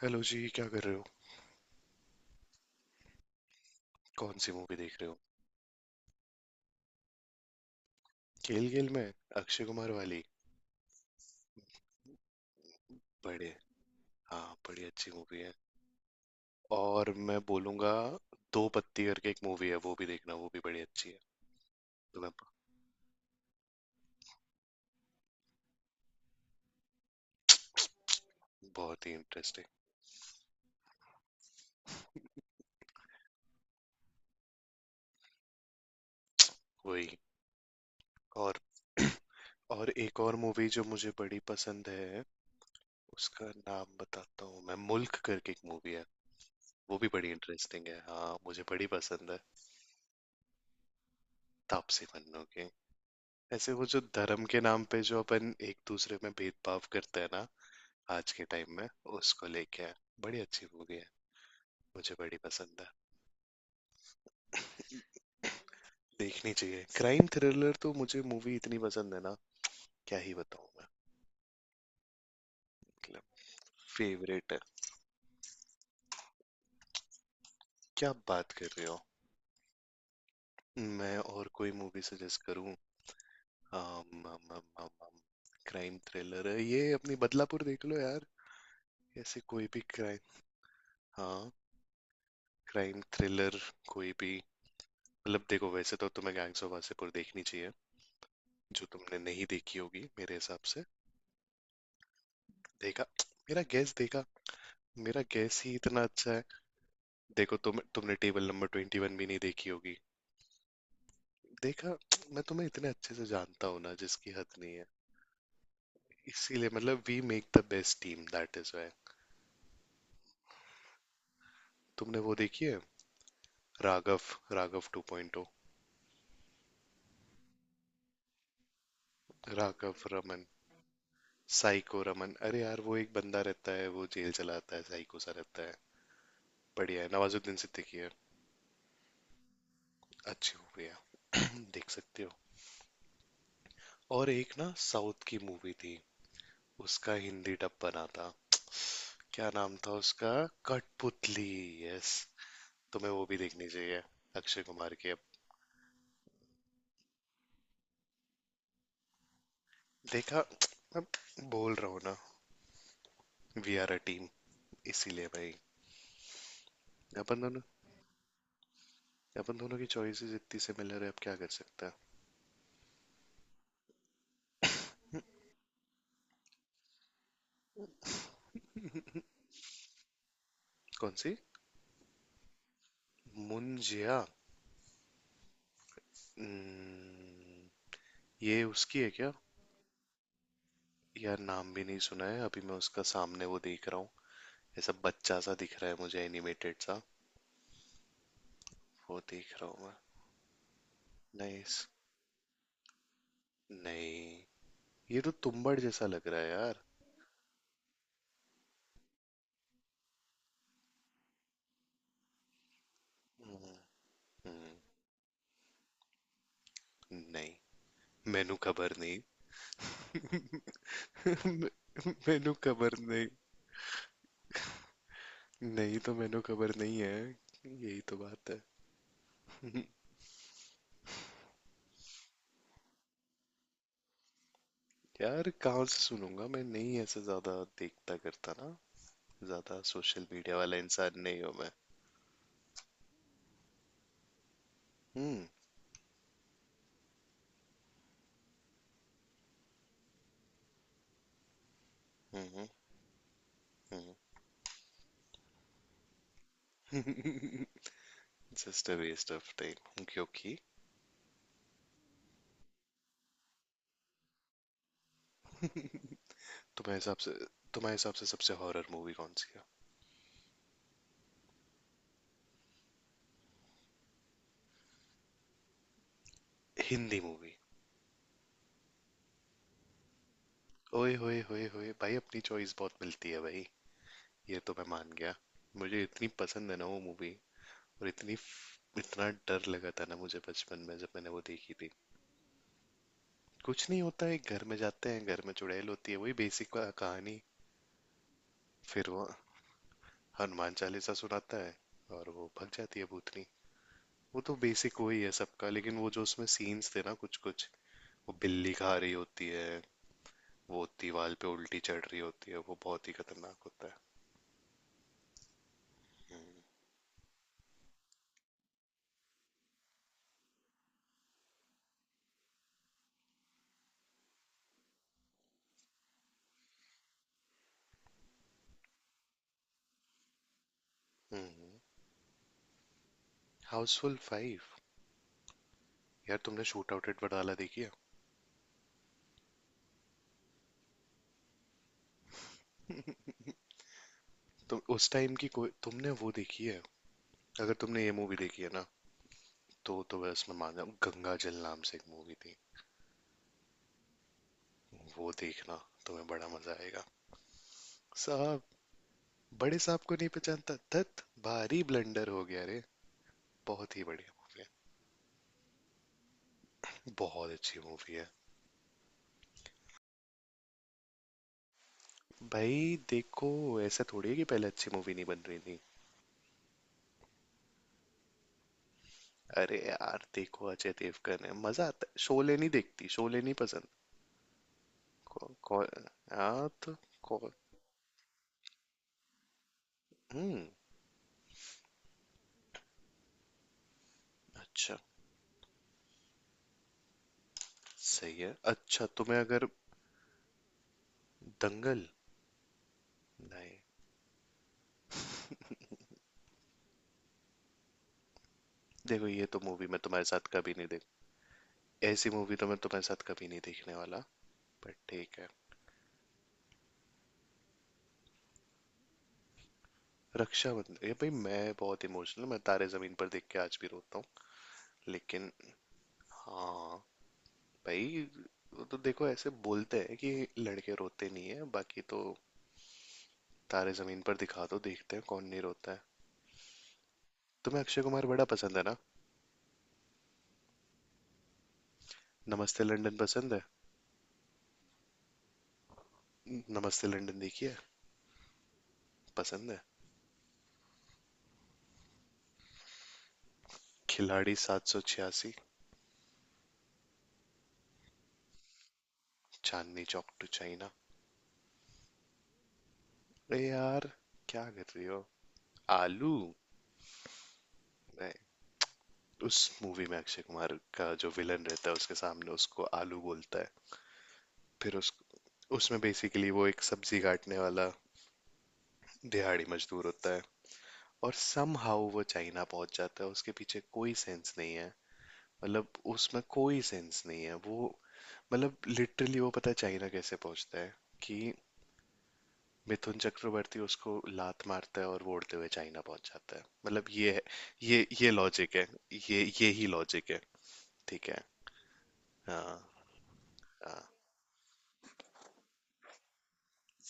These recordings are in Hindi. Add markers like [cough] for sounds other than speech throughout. हेलो जी, क्या कर रहे हो। कौन सी मूवी देख रहे हो। खेल खेल में, अक्षय कुमार वाली। बड़े। हाँ, बड़ी अच्छी मूवी है। और मैं बोलूंगा, दो पत्ती करके एक मूवी है, वो भी देखना, वो भी बड़ी अच्छी है। तो मैं, बहुत ही इंटरेस्टिंग। वही। और [clears throat] और एक और मूवी जो मुझे बड़ी पसंद है, उसका नाम बताता हूँ मैं, मुल्क करके एक मूवी है। वो भी बड़ी इंटरेस्टिंग है। हाँ, मुझे बड़ी पसंद है। तापसी पन्नू की। ऐसे वो जो धर्म के नाम पे जो अपन एक दूसरे में भेदभाव करते हैं ना, आज के टाइम में उसको लेके आए। बड़ी अच्छी मूवी है, मुझे बड़ी पसंद है। देखनी चाहिए। क्राइम थ्रिलर तो मुझे मूवी इतनी पसंद है ना, क्या ही बताऊं मैं, मतलब, फेवरेट है। क्या बात कर रहे हो। मैं और कोई मूवी सजेस्ट करूं। आम, आम, आम, आम, आम, क्राइम थ्रिलर है ये, अपनी बदलापुर देख लो यार। ऐसे कोई भी क्राइम। हाँ, क्राइम थ्रिलर कोई भी, मतलब देखो, वैसे तो तुम्हें गैंग्स ऑफ वासेपुर देखनी चाहिए, जो तुमने नहीं देखी होगी मेरे हिसाब से। देखा, मेरा गैस देखा, मेरा गैस ही इतना अच्छा है। देखो तुमने टेबल नंबर 21 भी नहीं देखी होगी। देखा, मैं तुम्हें इतने अच्छे से जानता हूँ ना, जिसकी हद नहीं है। इसीलिए मतलब, we make the best team, that is why. तुमने वो देखी है राघव राघव 2.0। राघव रमन, साइको रमन। अरे यार, वो एक बंदा रहता है, वो जेल चलाता है, साइको सा रहता है। बढ़िया है, नवाजुद्दीन सिद्दीकी है। अच्छी मूवी है। [clears throat] देख सकते हो। और एक ना साउथ की मूवी थी, उसका हिंदी डब बना था। क्या नाम था उसका, कठपुतली। यस, तुम्हें वो भी देखनी चाहिए, अक्षय कुमार की। अब देखा, अब बोल रहा हूँ ना, वी आर अ टीम, इसीलिए भाई। अपन दोनों अपन दोनों की चॉइसेस इतनी सिमिलर है, अब क्या कर सकते हैं। कौन सी। मुंजिया। हम्म, ये उसकी है क्या। यार नाम भी नहीं सुना है, अभी मैं उसका सामने वो देख रहा हूँ। ऐसा बच्चा सा दिख रहा है मुझे, एनिमेटेड सा, वो देख रहा हूँ मैं। नाइस। नहीं। ये तो तुम्बाड़ जैसा लग रहा है यार। हम्म। हम्म। नहीं, मेनू खबर नहीं। [laughs] मेनू खबर नहीं। नहीं तो मेनू खबर नहीं है, यही तो बात है। [laughs] यार कहाँ से सुनूंगा मैं, नहीं ऐसे ज्यादा देखता करता ना, ज्यादा सोशल मीडिया वाला इंसान नहीं हूँ मैं। हम्म। हम्म। हम्म। Just a waste of time [laughs] क्योंकि तुम्हारे हिसाब से तुम्हारे हिसाब से सबसे हॉरर मूवी कौन सी है। हिंदी मूवी। ओए होए होए होए भाई, अपनी चॉइस बहुत मिलती है भाई, ये तो मैं मान गया। मुझे इतनी पसंद है ना वो मूवी, और इतनी, इतना डर लगा था ना मुझे बचपन में जब मैंने वो देखी थी। कुछ नहीं, होता है घर में जाते हैं, घर में चुड़ैल होती है, वही बेसिक कहानी। फिर वो हनुमान चालीसा सुनाता है और वो भग जाती है भूतनी। वो तो बेसिक वही है सबका, लेकिन वो जो उसमें सीन्स थे ना, कुछ कुछ, वो बिल्ली खा रही होती है, वो दीवार पे उल्टी चढ़ रही होती है, वो बहुत ही खतरनाउट होता है। हाउसफुल 5। यार तुमने शूट आउट एट वाला देखी है। तो उस टाइम की कोई तुमने वो देखी है, अगर तुमने ये मूवी देखी है ना, तो बस मैं उसमें मान जाऊँ, गंगा जल नाम से एक मूवी थी, वो देखना, तुम्हें बड़ा मजा आएगा। साहब, बड़े साहब को नहीं पहचानता, धत, भारी ब्लंडर हो गया रे। बहुत ही बढ़िया मूवी, है बहुत अच्छी मूवी है। भाई देखो, ऐसा थोड़ी है कि पहले अच्छी मूवी नहीं बन रही थी। अरे यार देखो, अजय देवगन है, मजा आता है। शोले नहीं देखती, शोले नहीं पसंद। कौ, कौ, हाँ तो कौ, हम्म। अच्छा, सही है। अच्छा, तुम्हें अगर दंगल, नहीं, देखो ये तो मूवी मैं तुम्हारे साथ कभी नहीं देख, ऐसी मूवी तो मैं तुम्हारे साथ कभी नहीं देखने वाला। बट ठीक है। रक्षाबंधन, ये भाई मैं बहुत इमोशनल, मैं तारे जमीन पर देख के आज भी रोता हूँ, लेकिन हाँ भाई। वो तो देखो ऐसे बोलते हैं कि लड़के रोते नहीं है, बाकी तो तारे जमीन पर दिखा दो, देखते हैं कौन नहीं रोता है। तुम्हें अक्षय कुमार बड़ा पसंद है ना। नमस्ते लंदन पसंद है। नमस्ते लंदन देखिए, पसंद है। खिलाड़ी 786। चांदनी चौक टू चाइना। अरे यार, क्या कर रही हो, आलू। नहीं, उस मूवी में अक्षय कुमार का जो विलन रहता है, उसके सामने उसको आलू बोलता है। फिर उस उसमें बेसिकली वो एक सब्जी काटने वाला दिहाड़ी मजदूर होता है, और समहाउ वो चाइना पहुंच जाता है, उसके पीछे कोई सेंस नहीं है। मतलब उसमें कोई सेंस नहीं है वो। मतलब लिटरली, वो पता है चाइना कैसे पहुंचता है कि मिथुन चक्रवर्ती उसको लात मारता है और वो उड़ते हुए चाइना पहुंच जाता है, मतलब ये है। ये लॉजिक है। ये ही लॉजिक है। ठीक है। हाँ, हाँ,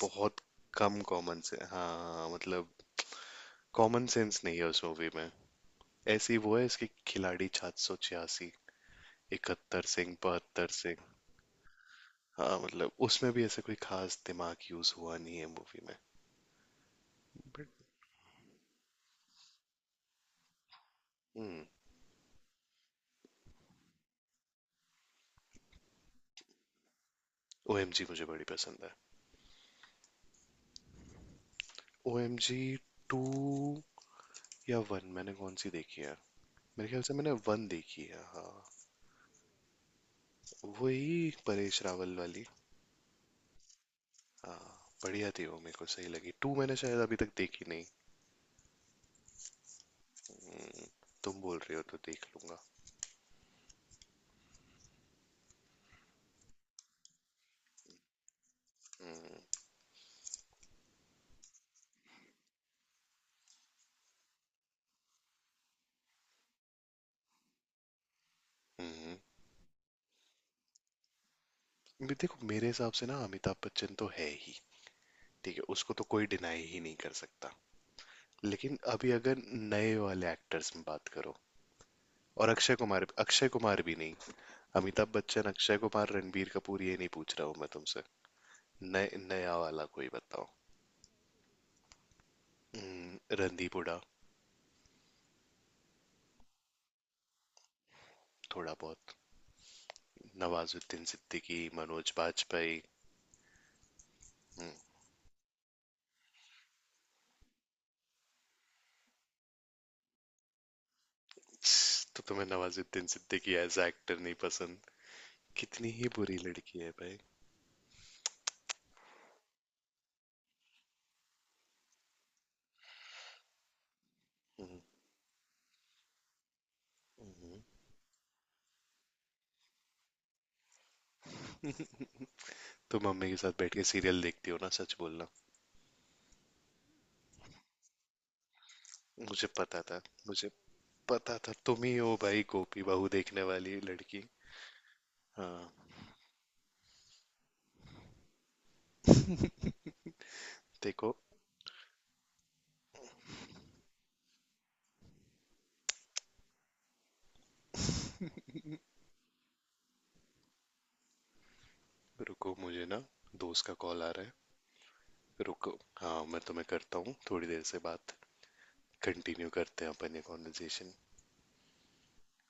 बहुत कम कॉमन से, हाँ, मतलब, कॉमन सेंस नहीं है उस मूवी में। ऐसी वो है, इसके खिलाड़ी 786, 71 सिंह, 72 सिंह। हाँ मतलब उसमें भी ऐसा कोई खास दिमाग यूज हुआ नहीं है मूवी में, बट। हम्म। ओएमजी मुझे बड़ी पसंद है। ओएमजी 2 या वन, मैंने कौन सी देखी है। मेरे ख्याल से मैंने वन देखी है, हाँ। वही परेश रावल वाली। हाँ, बढ़िया थी वो, मेरे को सही लगी। टू मैंने शायद अभी तक देखी नहीं। हम्म, तुम बोल रहे हो तो देख लूंगा। हम्म। हम्म। भी देखो, मेरे हिसाब से ना अमिताभ बच्चन तो है ही, ठीक है, उसको तो कोई डिनाई ही नहीं कर सकता। लेकिन अभी अगर नए वाले एक्टर्स में बात करो, और अक्षय कुमार भी नहीं। अमिताभ बच्चन, अक्षय कुमार, रणबीर कपूर, ये नहीं पूछ रहा हूँ मैं तुमसे, नए नया वाला कोई बताओ। हम्म, रणदीप हुडा, थोड़ा बहुत, नवाजुद्दीन सिद्दीकी, मनोज बाजपेयी। हम्म, तो तुम्हें नवाजुद्दीन सिद्दीकी एज एक्टर नहीं पसंद, कितनी ही बुरी लड़की है भाई। हम्म। हम्म। तुम मम्मी के साथ बैठ के सीरियल देखती हो ना, सच बोलना। मुझे पता था, मुझे पता था तुम ही हो भाई गोपी बहू देखने वाली लड़की। हाँ, देखो। रुको, मुझे ना दोस्त का कॉल आ रहा है, रुको। हाँ, मैं तुम्हें करता हूँ थोड़ी देर से, बात कंटिन्यू करते हैं अपन ये कॉन्वर्जेशन।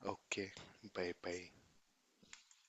Okay, bye bye.